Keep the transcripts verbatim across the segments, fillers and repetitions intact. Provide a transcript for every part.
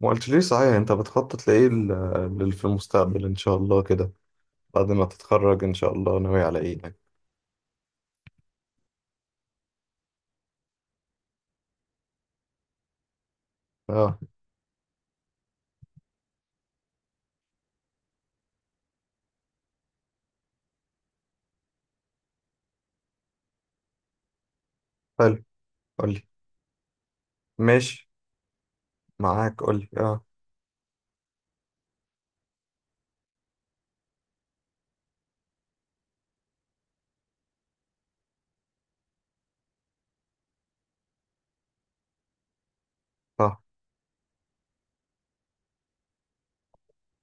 ما قلت ليه، صحيح انت بتخطط لايه ال- لل- في المستقبل ان شاء الله كده، بعد ما تتخرج ان شاء الله، ناوي على ايه يعني؟ اه. حلو. قول لي. ماشي. معاك، قول لي اه. صح.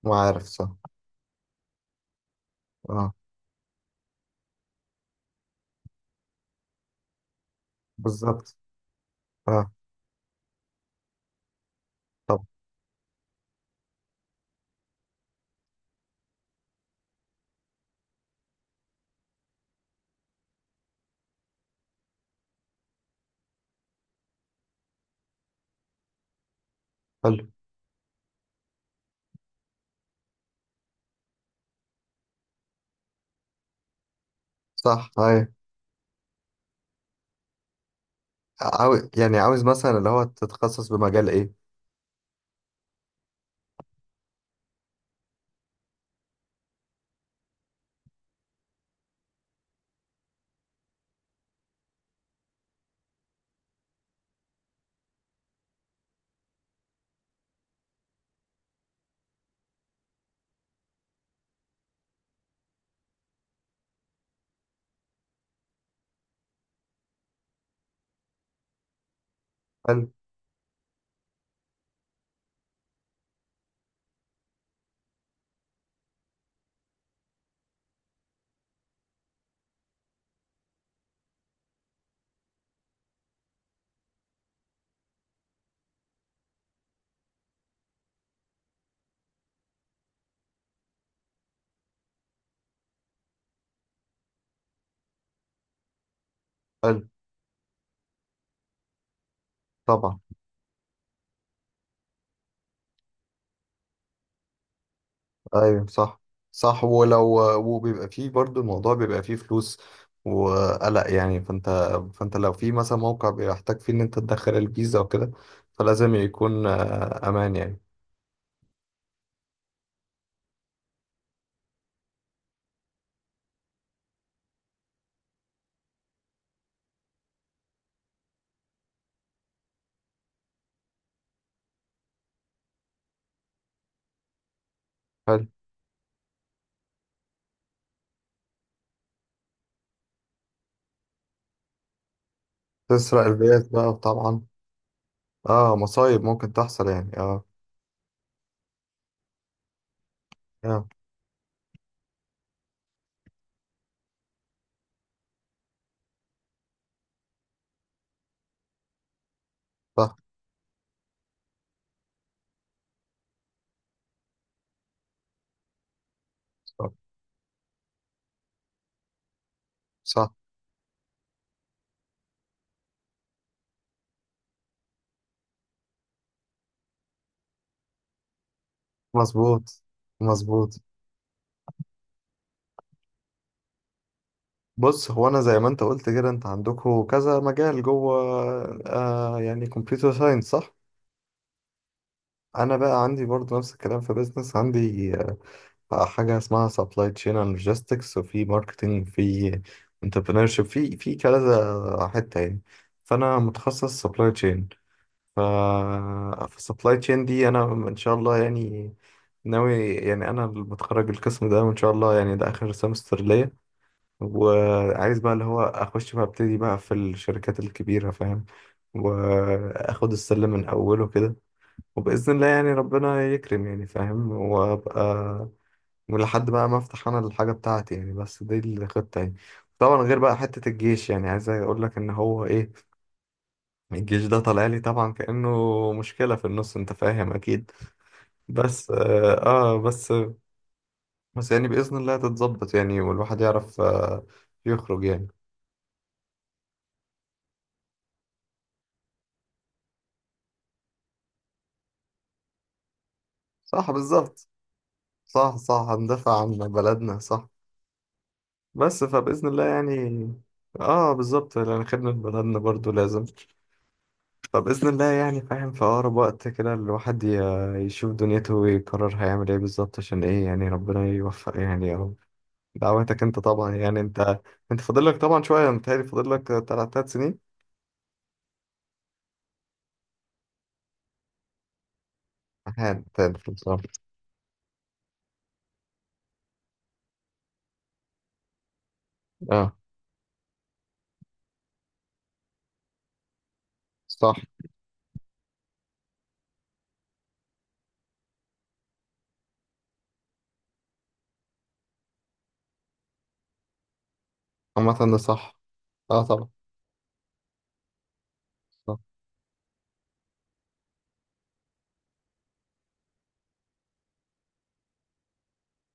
ما عارف، صح. اه، بالظبط. اه. طب. حلو. صح. هاي. عاوز يعني، عاوز مثلا اللي هو تتخصص بمجال ايه؟ حلو. حلو. طبعا. ايوه صح. صح، ولو. وبيبقى فيه برضو، الموضوع بيبقى فيه فلوس وقلق يعني. فانت فانت لو في مثلا موقع بيحتاج فيه ان انت تدخل الفيزا وكده، فلازم يكون آه، امان يعني. حلو. تسرق الفيز بقى، طبعا. اه، مصايب ممكن تحصل يعني، اه. آه، صح. صح. صح. مظبوط. مظبوط. بص، هو انا زي ما انت قلت كده، انت عندكم كذا مجال جوه. آه يعني كمبيوتر ساينس، صح؟ انا بقى عندي برضو نفس الكلام في بيزنس. عندي حاجة اسمها سبلاي تشين اند لوجيستكس، وفي ماركتنج، في انتربرينورشيب، في في كذا حتة يعني. فأنا متخصص سبلاي تشين. ف فالسبلاي تشين دي أنا إن شاء الله يعني ناوي يعني، أنا متخرج القسم ده، وإن شاء الله يعني ده آخر سمستر ليا. وعايز بقى اللي هو أخش بقى، أبتدي بقى في الشركات الكبيرة، فاهم. وآخد السلم من أوله كده، وبإذن الله يعني ربنا يكرم يعني، فاهم، وأبقى ولحد بقى ما افتح انا الحاجه بتاعتي يعني، بس دي الخطه يعني. طبعا غير بقى حته الجيش، يعني عايز اقول لك ان هو ايه، الجيش ده طالع لي طبعا كانه مشكله في النص، انت فاهم اكيد. بس اه آه، بس بس يعني باذن الله تتظبط يعني، والواحد يعرف آه يخرج يعني. صح، بالظبط. صح. صح، هندافع عن بلدنا، صح. بس فباذن الله يعني. اه بالظبط، لان خدمه بلدنا برضو لازم. فبإذن الله يعني، فاهم، في أقرب وقت كده الواحد ي- يشوف دنيته ويقرر هيعمل إيه بالظبط. عشان إيه يعني؟ ربنا يوفق يعني، يا رب. دعواتك أنت طبعا يعني. أنت أنت فاضل لك طبعا شوية، متهيألي فاضل لك تلات تلات سنين. أحيانا تلات بالظبط. أه. صح. عامة ده صح. أه طبعا. صح.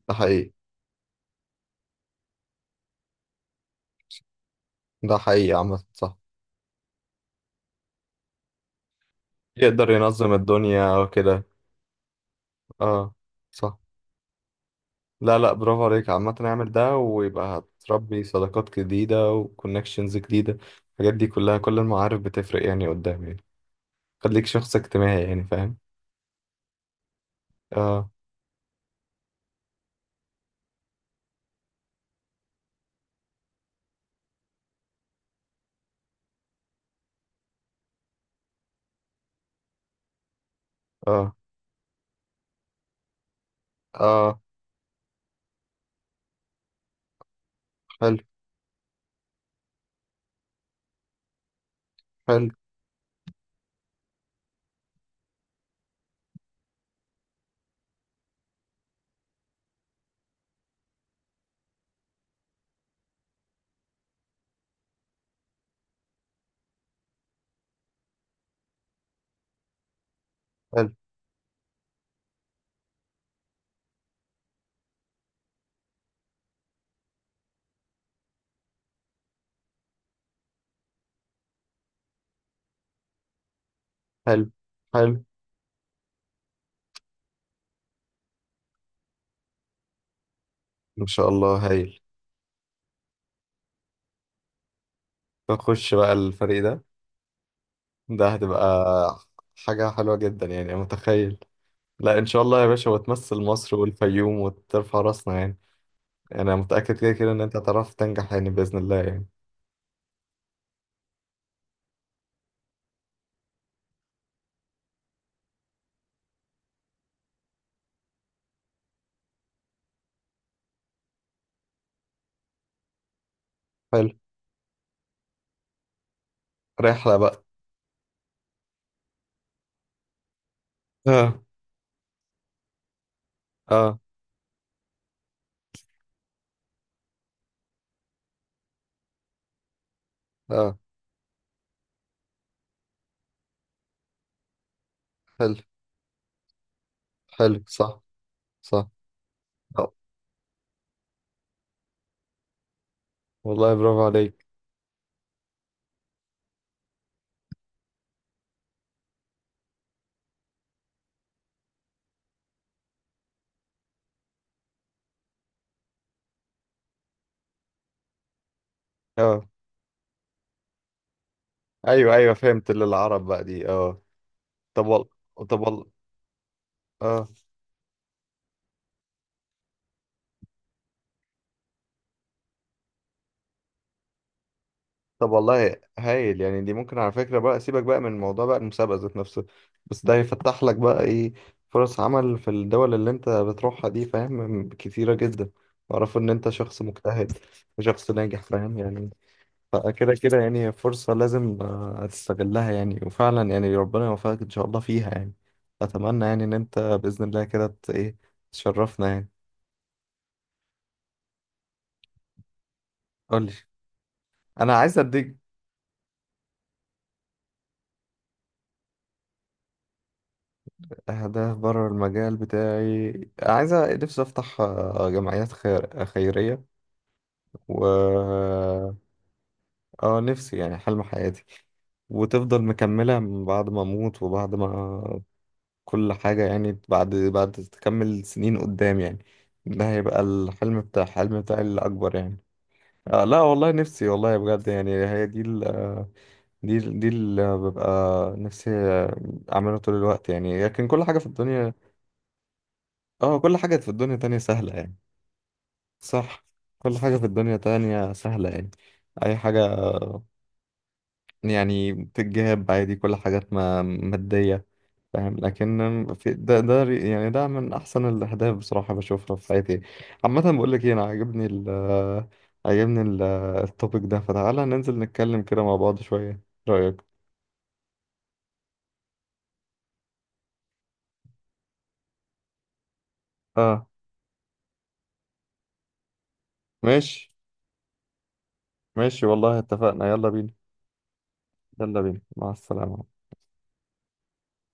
ده حقيقي. ده حقيقي، عامة صح. يقدر ينظم الدنيا وكده. أه. صح. لا لا، برافو عليك. عامة اعمل ده، ويبقى هتربي صداقات جديدة وكونكشنز جديدة. الحاجات دي كلها، كل المعارف بتفرق يعني قدام يعني. خليك شخص اجتماعي يعني، فاهم. اه. اه. اه. حلو. حلو. حلو. حلو. حلو. ان شاء الله هايل. نخش بقى الفريق ده. ده هتبقى حاجة حلوة جدا يعني، أنا متخيل. لا ان شاء الله يا باشا، وتمثل مصر والفيوم وترفع راسنا يعني. انا متأكد كده كده ان انت هتعرف تنجح يعني، بإذن الله يعني. حلو. رحلة بقى. اه. اه. اه. حلو. حلو. صح. صح. آه. والله برافو عليك. اه. ايوه، ايوه، فهمت اللي العرب بقى دي، اه. طب وال... طب وال... اه طب والله هايل يعني. دي ممكن على فكرة، بقى سيبك بقى من موضوع بقى المسابقة ذات نفسه، بس ده هيفتح لك بقى ايه، فرص عمل في الدول اللي انت بتروحها دي، فاهم، كتيرة جدا. واعرف ان انت شخص مجتهد وشخص ناجح، فاهم يعني. فكده كده يعني هي فرصة لازم آه، تستغلها يعني، وفعلا يعني ربنا يوفقك إن شاء الله فيها يعني. أتمنى يعني إن أنت بإذن الله كده ت- إيه، تشرفنا يعني. قولي. أنا عايز أديك. أهداف بره المجال بتاعي؟ عايز أ- نفسي أفتح آه، جمعيات خير خيرية و. آه نفسي يعني، حلم حياتي، وتفضل مكملة من بعد ما أموت، وبعد ما كل حاجة يعني، بعد بعد تكمل سنين قدام يعني. ده هيبقى الحلم، بتاع الحلم بتاعي الأكبر يعني. آه لا والله نفسي، والله بجد يعني، هي دي ال آه، دي ال دي اللي ببقى نفسي آه، أعملها طول الوقت يعني. لكن كل حاجة في الدنيا، اه، كل حاجة في الدنيا تانية سهلة يعني. صح. كل حاجة في الدنيا تانية سهلة يعني. أي حاجة يعني بتتجاب عادي، كل حاجات ما مادية، فاهم، لكن في ده ده ري- يعني ده من احسن الاهداف بصراحه بشوفها في حياتي. عامه، بقول لك ايه، انا عاجبني ال عاجبني ال- التوبيك ده، فتعالى ننزل نتكلم كده مع بعض شويه. رايك؟ اه، ماشي، ماشي. والله اتفقنا، يلا بينا. يلا بينا، مع السلامه.